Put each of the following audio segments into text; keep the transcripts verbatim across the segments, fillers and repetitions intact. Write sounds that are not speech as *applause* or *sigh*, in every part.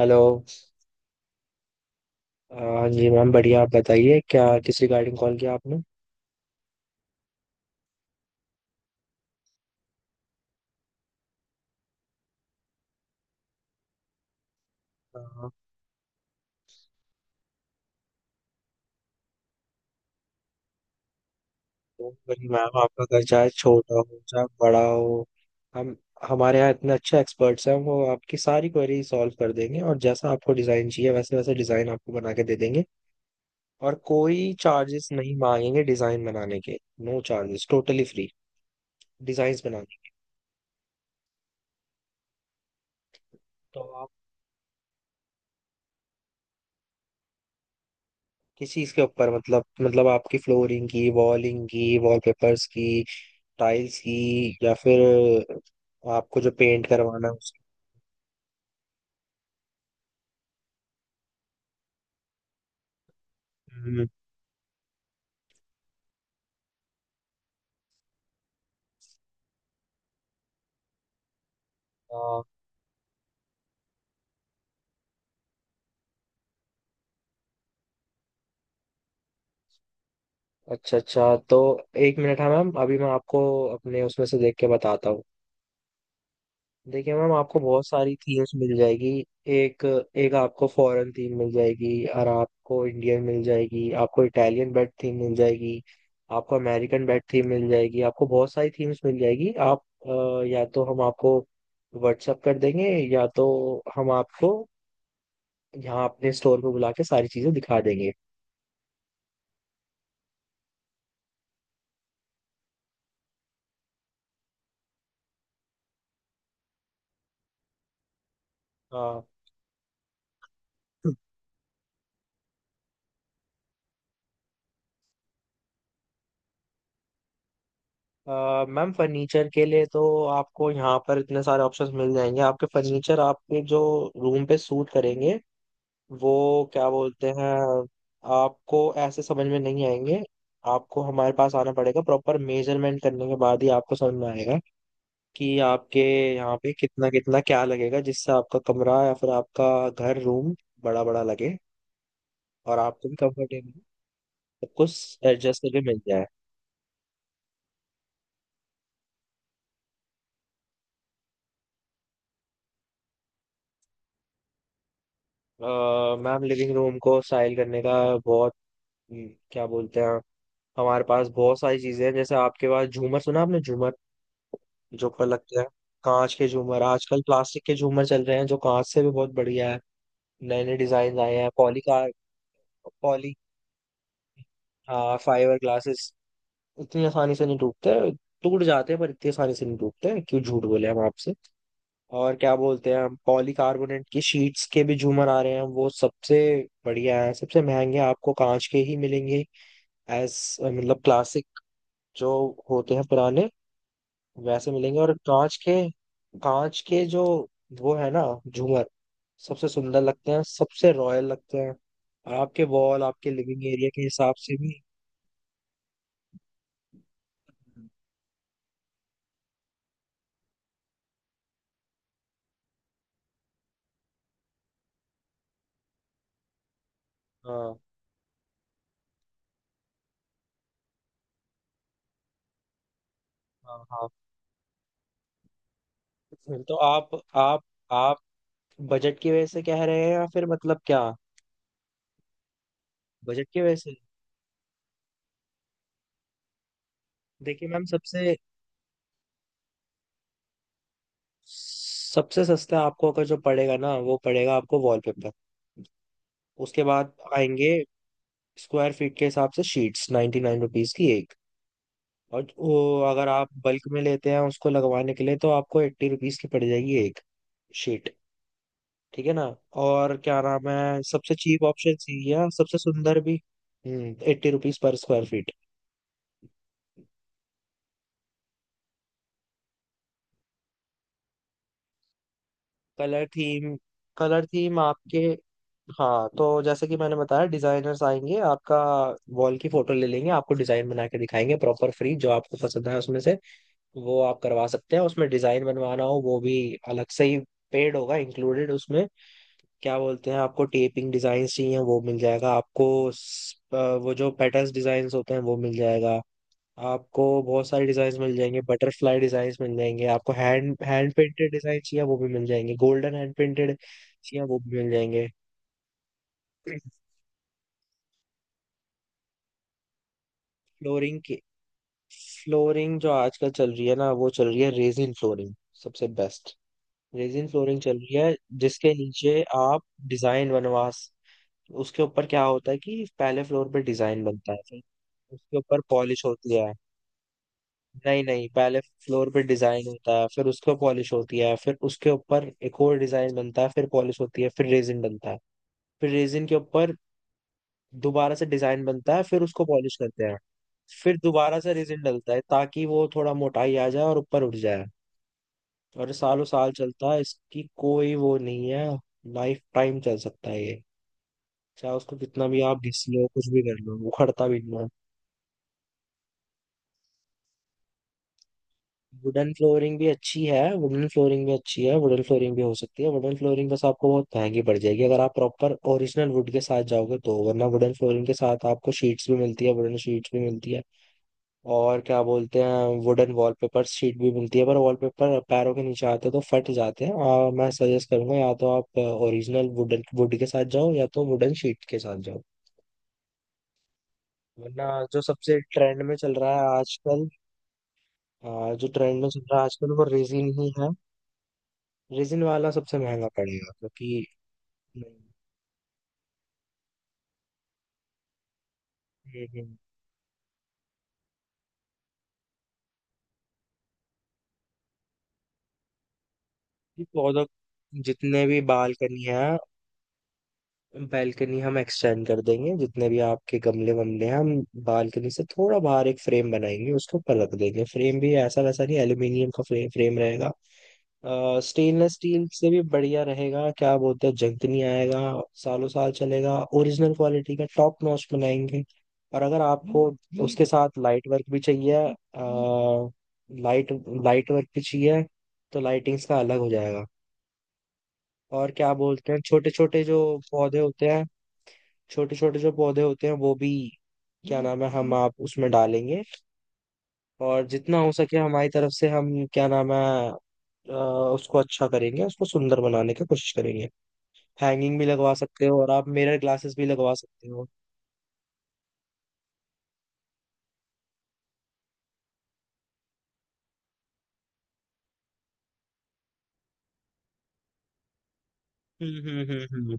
Hello. हाँ जी ma'am, बढ़िया। आप बताइए, क्या किस रिगार्डिंग कॉल किया आपने? हाँ, तो वही मैम, आपका घर चाहे छोटा हो चाहे बड़ा हो, हम हमारे यहाँ इतने अच्छे एक्सपर्ट्स हैं, वो आपकी सारी क्वेरी सॉल्व कर देंगे और जैसा आपको डिज़ाइन चाहिए वैसे वैसे डिज़ाइन आपको बना के दे देंगे। और कोई चार्जेस नहीं मांगेंगे डिज़ाइन बनाने के। No charges, totally free designs बनाने के। तो आप किस चीज़ के ऊपर, मतलब मतलब आपकी फ्लोरिंग की, वॉलिंग की, वॉलपेपर्स की, टाइल्स की, या फिर आपको जो पेंट करवाना है उसकी? हम्म, हाँ। अच्छा अच्छा। तो एक मिनट है मैम, अभी मैं आपको अपने उसमें से देख के बताता हूँ। देखिए मैम, आपको बहुत सारी थीम्स मिल जाएगी। एक एक आपको फॉरेन थीम मिल जाएगी और आपको इंडियन मिल जाएगी, आपको इटालियन बेड थीम मिल जाएगी, आपको अमेरिकन बेड थीम मिल जाएगी, आपको बहुत सारी थीम्स मिल जाएगी। आप अ, या तो हम आपको व्हाट्सअप कर देंगे या तो हम आपको यहाँ अपने स्टोर पे बुला के सारी चीजें दिखा देंगे। हाँ। अ, मैम फर्नीचर के लिए तो आपको यहाँ पर इतने सारे ऑप्शंस मिल जाएंगे, आपके फर्नीचर आपके जो रूम पे सूट करेंगे। वो क्या बोलते हैं, आपको ऐसे समझ में नहीं आएंगे। आपको हमारे पास आना पड़ेगा, प्रॉपर मेजरमेंट करने के बाद ही आपको समझ में आएगा कि आपके यहाँ पे कितना कितना क्या लगेगा, जिससे आपका कमरा या फिर आपका घर रूम बड़ा बड़ा लगे और आपको भी कंफर्टेबल सब कुछ एडजस्ट करके मिल जाए। अ, मैम लिविंग रूम को स्टाइल करने का बहुत, हम्म, क्या बोलते हैं, हमारे पास बहुत सारी चीजें हैं। जैसे आपके पास झूमर, सुना आपने झूमर, जो पर लगते हैं, कांच के झूमर। आजकल प्लास्टिक के झूमर चल रहे हैं जो कांच से भी बहुत बढ़िया है। नए नए डिजाइन आए हैं पॉली कार, पॉली हाँ फाइबर ग्लासेस इतनी आसानी से नहीं टूटते। टूट जाते हैं पर इतनी आसानी से नहीं टूटते, क्यों झूठ बोले हम आपसे। और क्या बोलते हैं, हम पॉलीकार्बोनेट की शीट्स के भी झूमर आ रहे हैं, वो सबसे बढ़िया है। सबसे महंगे आपको कांच के ही मिलेंगे, एज मतलब क्लासिक जो होते हैं पुराने, वैसे मिलेंगे। और कांच के, कांच के जो वो है ना झूमर, सबसे सुंदर लगते हैं, सबसे रॉयल लगते हैं। और आपके वॉल आपके लिविंग एरिया के हिसाब से भी। हाँ। हाँ हाँ। फिर तो आप, आप आप बजट की वजह से कह रहे हैं या फिर मतलब क्या? बजट की वजह से? देखिए मैम, सबसे सबसे सस्ता आपको अगर जो पड़ेगा ना वो पड़ेगा आपको वॉलपेपर। उसके बाद आएंगे स्क्वायर फीट के हिसाब से शीट्स, नाइन्टी नाइन रुपीज की एक। और वो अगर आप बल्क में लेते हैं उसको लगवाने के लिए, तो आपको एट्टी रुपीज की पड़ जाएगी एक शीट, ठीक है ना। और क्या नाम है, सबसे चीप ऑप्शन यही है और सबसे सुंदर भी। हम्म एट्टी रुपीज पर square feet. Colour theme? Colour theme आपके, हाँ, तो जैसे कि मैंने बताया डिजाइनर्स आएंगे, आपका वॉल की फोटो ले लेंगे, आपको डिजाइन बना के दिखाएंगे प्रॉपर फ्री। जो आपको पसंद है उसमें से वो आप करवा सकते हैं। उसमें डिजाइन बनवाना हो वो भी अलग से ही पेड होगा, इंक्लूडेड उसमें। क्या बोलते हैं, आपको टेपिंग डिजाइन चाहिए वो मिल जाएगा आपको। स- अ, वो जो पैटर्न डिजाइन होते हैं वो मिल जाएगा। आपको बहुत सारी डिजाइन मिल जाएंगे, बटरफ्लाई डिजाइन मिल जाएंगे आपको, हैंड हैंड पेंटेड डिजाइन चाहिए वो भी मिल जाएंगे, गोल्डन हैंड पेंटेड चाहिए वो भी मिल जाएंगे। फ्लोरिंग की, फ्लोरिंग जो आजकल चल रही है ना, वो चल रही है रेजिन फ्लोरिंग। सबसे बेस्ट रेजिन फ्लोरिंग चल रही है, जिसके नीचे आप डिजाइन बनवा स-, उसके ऊपर क्या होता है कि पहले फ्लोर पे डिजाइन बनता है फिर उसके ऊपर पॉलिश होती है। नहीं नहीं, पहले फ्लोर पे डिजाइन होता है, फिर उसको पॉलिश होती है, फिर उसके ऊपर एक और डिजाइन बनता है, फिर पॉलिश होती है, फिर रेजिन बनता है। फिर रेजिन के ऊपर दोबारा से डिजाइन बनता है, फिर उसको पॉलिश करते हैं, फिर दोबारा से रेजिन डलता है ताकि वो थोड़ा मोटाई आ जाए और ऊपर उठ जाए। और ये सालों साल चलता है, इसकी कोई वो नहीं है। लाइफ टाइम चल सकता है ये, चाहे उसको कितना भी आप घिस लो कुछ भी कर लो, उखड़ता भी नहीं है। वुडन फ्लोरिंग भी अच्छी है वुडन फ्लोरिंग भी अच्छी है वुडन फ्लोरिंग भी हो सकती है। वुडन फ्लोरिंग बस आपको बहुत महंगी पड़ जाएगी अगर आप प्रॉपर ओरिजिनल वुड के साथ जाओगे तो। वरना वुडन फ्लोरिंग के साथ आपको शीट्स भी मिलती है, वुडन शीट्स भी मिलती है। और क्या बोलते हैं, वुडन वॉलपेपर शीट भी मिलती है, पर वॉलपेपर पैरों के नीचे आते हैं तो फट जाते हैं, और मैं सजेस्ट करूंगा या तो आप ओरिजिनल वुडन वुड के साथ जाओ या तो वुडन शीट के साथ जाओ। वरना जो सबसे ट्रेंड में चल रहा है आजकल, आ, जो ट्रेंड में चल रहा है आजकल वो रेजिन ही है। रेजिन वाला सबसे महंगा पड़ेगा, क्योंकि हम्म, हम्म, ये पौधा, जितने भी बालकनी है, बैल्कनी हम एक्सटेंड कर देंगे, जितने भी आपके गमले वमले हैं हम बालकनी से थोड़ा बाहर एक फ्रेम बनाएंगे उसके ऊपर रख देंगे। फ्रेम भी ऐसा वैसा नहीं, एल्यूमिनियम का फ्रेम फ्रेम रहेगा। स्टेनलेस स्टील से भी बढ़िया रहेगा, क्या बोलते हैं, जंग नहीं आएगा, सालों साल चलेगा, ओरिजिनल क्वालिटी का टॉप नॉच बनाएंगे। और अगर आपको उसके साथ लाइट वर्क भी चाहिए, लाइट लाइट वर्क भी चाहिए, तो लाइटिंग्स का अलग हो जाएगा। और क्या बोलते हैं, छोटे छोटे जो पौधे होते हैं, छोटे छोटे जो पौधे होते हैं वो भी क्या नाम है, हम आप उसमें डालेंगे। और जितना हो सके हमारी तरफ से हम, क्या नाम है, अ, उसको अच्छा करेंगे, उसको सुंदर बनाने की कोशिश करेंगे। हैंगिंग भी लगवा सकते हो और आप मिरर ग्लासेस भी लगवा सकते हो। हम्म हम्म हम्म हम्म।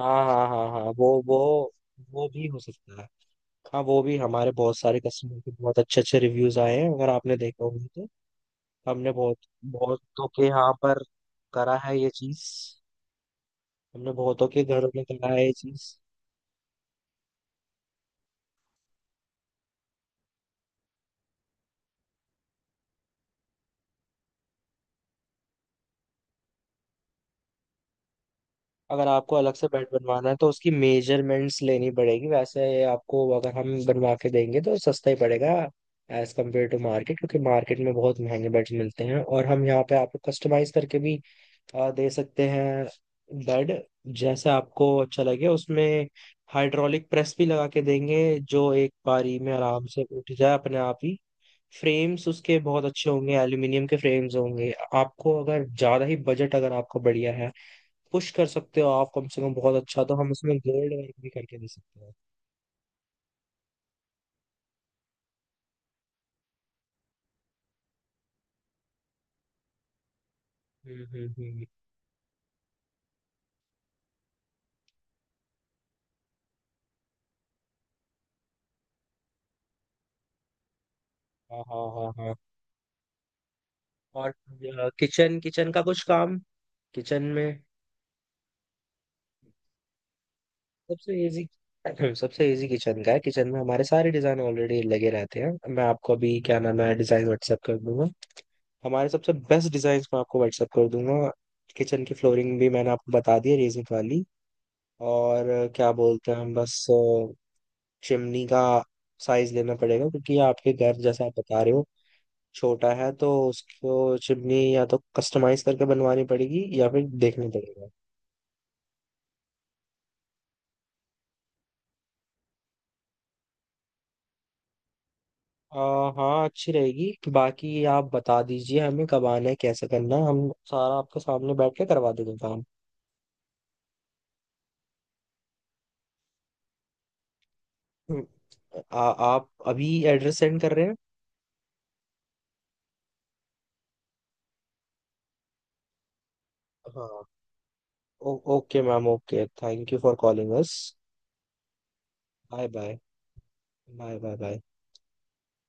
हाँ हाँ हाँ हाँ। वो वो वो भी हो सकता है। हाँ, वो भी हमारे बहुत सारे कस्टमर के बहुत अच्छे अच्छे रिव्यूज आए हैं, अगर आपने देखा होगा तो। हमने बहुत बहुतों के यहाँ पर करा है ये चीज, हमने बहुतों के घरों में करा है ये चीज। अगर आपको अलग से बेड बनवाना है तो उसकी मेजरमेंट्स लेनी पड़ेगी। वैसे आपको अगर हम बनवा के देंगे तो सस्ता ही पड़ेगा एज कम्पेयर टू मार्केट, क्योंकि मार्केट में बहुत महंगे बेड्स मिलते हैं। और हम यहाँ पे आपको कस्टमाइज करके भी अ, दे सकते हैं बेड, जैसे आपको अच्छा लगे उसमें। हाइड्रोलिक प्रेस भी लगा के देंगे जो एक बारी में आराम से उठ जाए अपने आप ही। फ्रेम्स उसके बहुत अच्छे होंगे, एल्यूमिनियम के फ्रेम्स होंगे। आपको अगर ज़्यादा ही बजट, अगर आपका बढ़िया है, पुश कर सकते हो आप कम से कम बहुत अच्छा, तो हम इसमें गोल्ड वर्क भी करके दे सकते हैं। हम्म हम्म हम्म। हाँ हाँ हाँ हाँ। और किचन, किचन का कुछ काम? किचन में सबसे इजी, *clears throat* सबसे इजी किचन का है। किचन में हमारे सारे डिजाइन ऑलरेडी लगे रहते हैं। मैं आपको अभी, क्या नाम है, डिजाइन व्हाट्सएप कर दूंगा, हमारे सबसे बेस्ट डिजाइन मैं आपको व्हाट्सएप कर दूंगा। किचन की फ्लोरिंग भी मैंने आपको बता दी है, रेजिंग वाली। और क्या बोलते हैं, हम बस चिमनी का साइज लेना पड़ेगा, क्योंकि आपके घर जैसा आप बता रहे हो छोटा है, तो उसको चिमनी या तो कस्टमाइज करके बनवानी पड़ेगी या फिर देखनी पड़ेगा। आ, हाँ, अच्छी रहेगी। बाकी आप बता दीजिए हमें कब आना है कैसे करना है, हम सारा आपके सामने बैठ के करवा देंगे काम। हम्म, आ, आप अभी एड्रेस सेंड कर रहे हैं? हाँ। ओ, okay ma'am, okay, thank you for calling us. Bye bye, bye bye bye.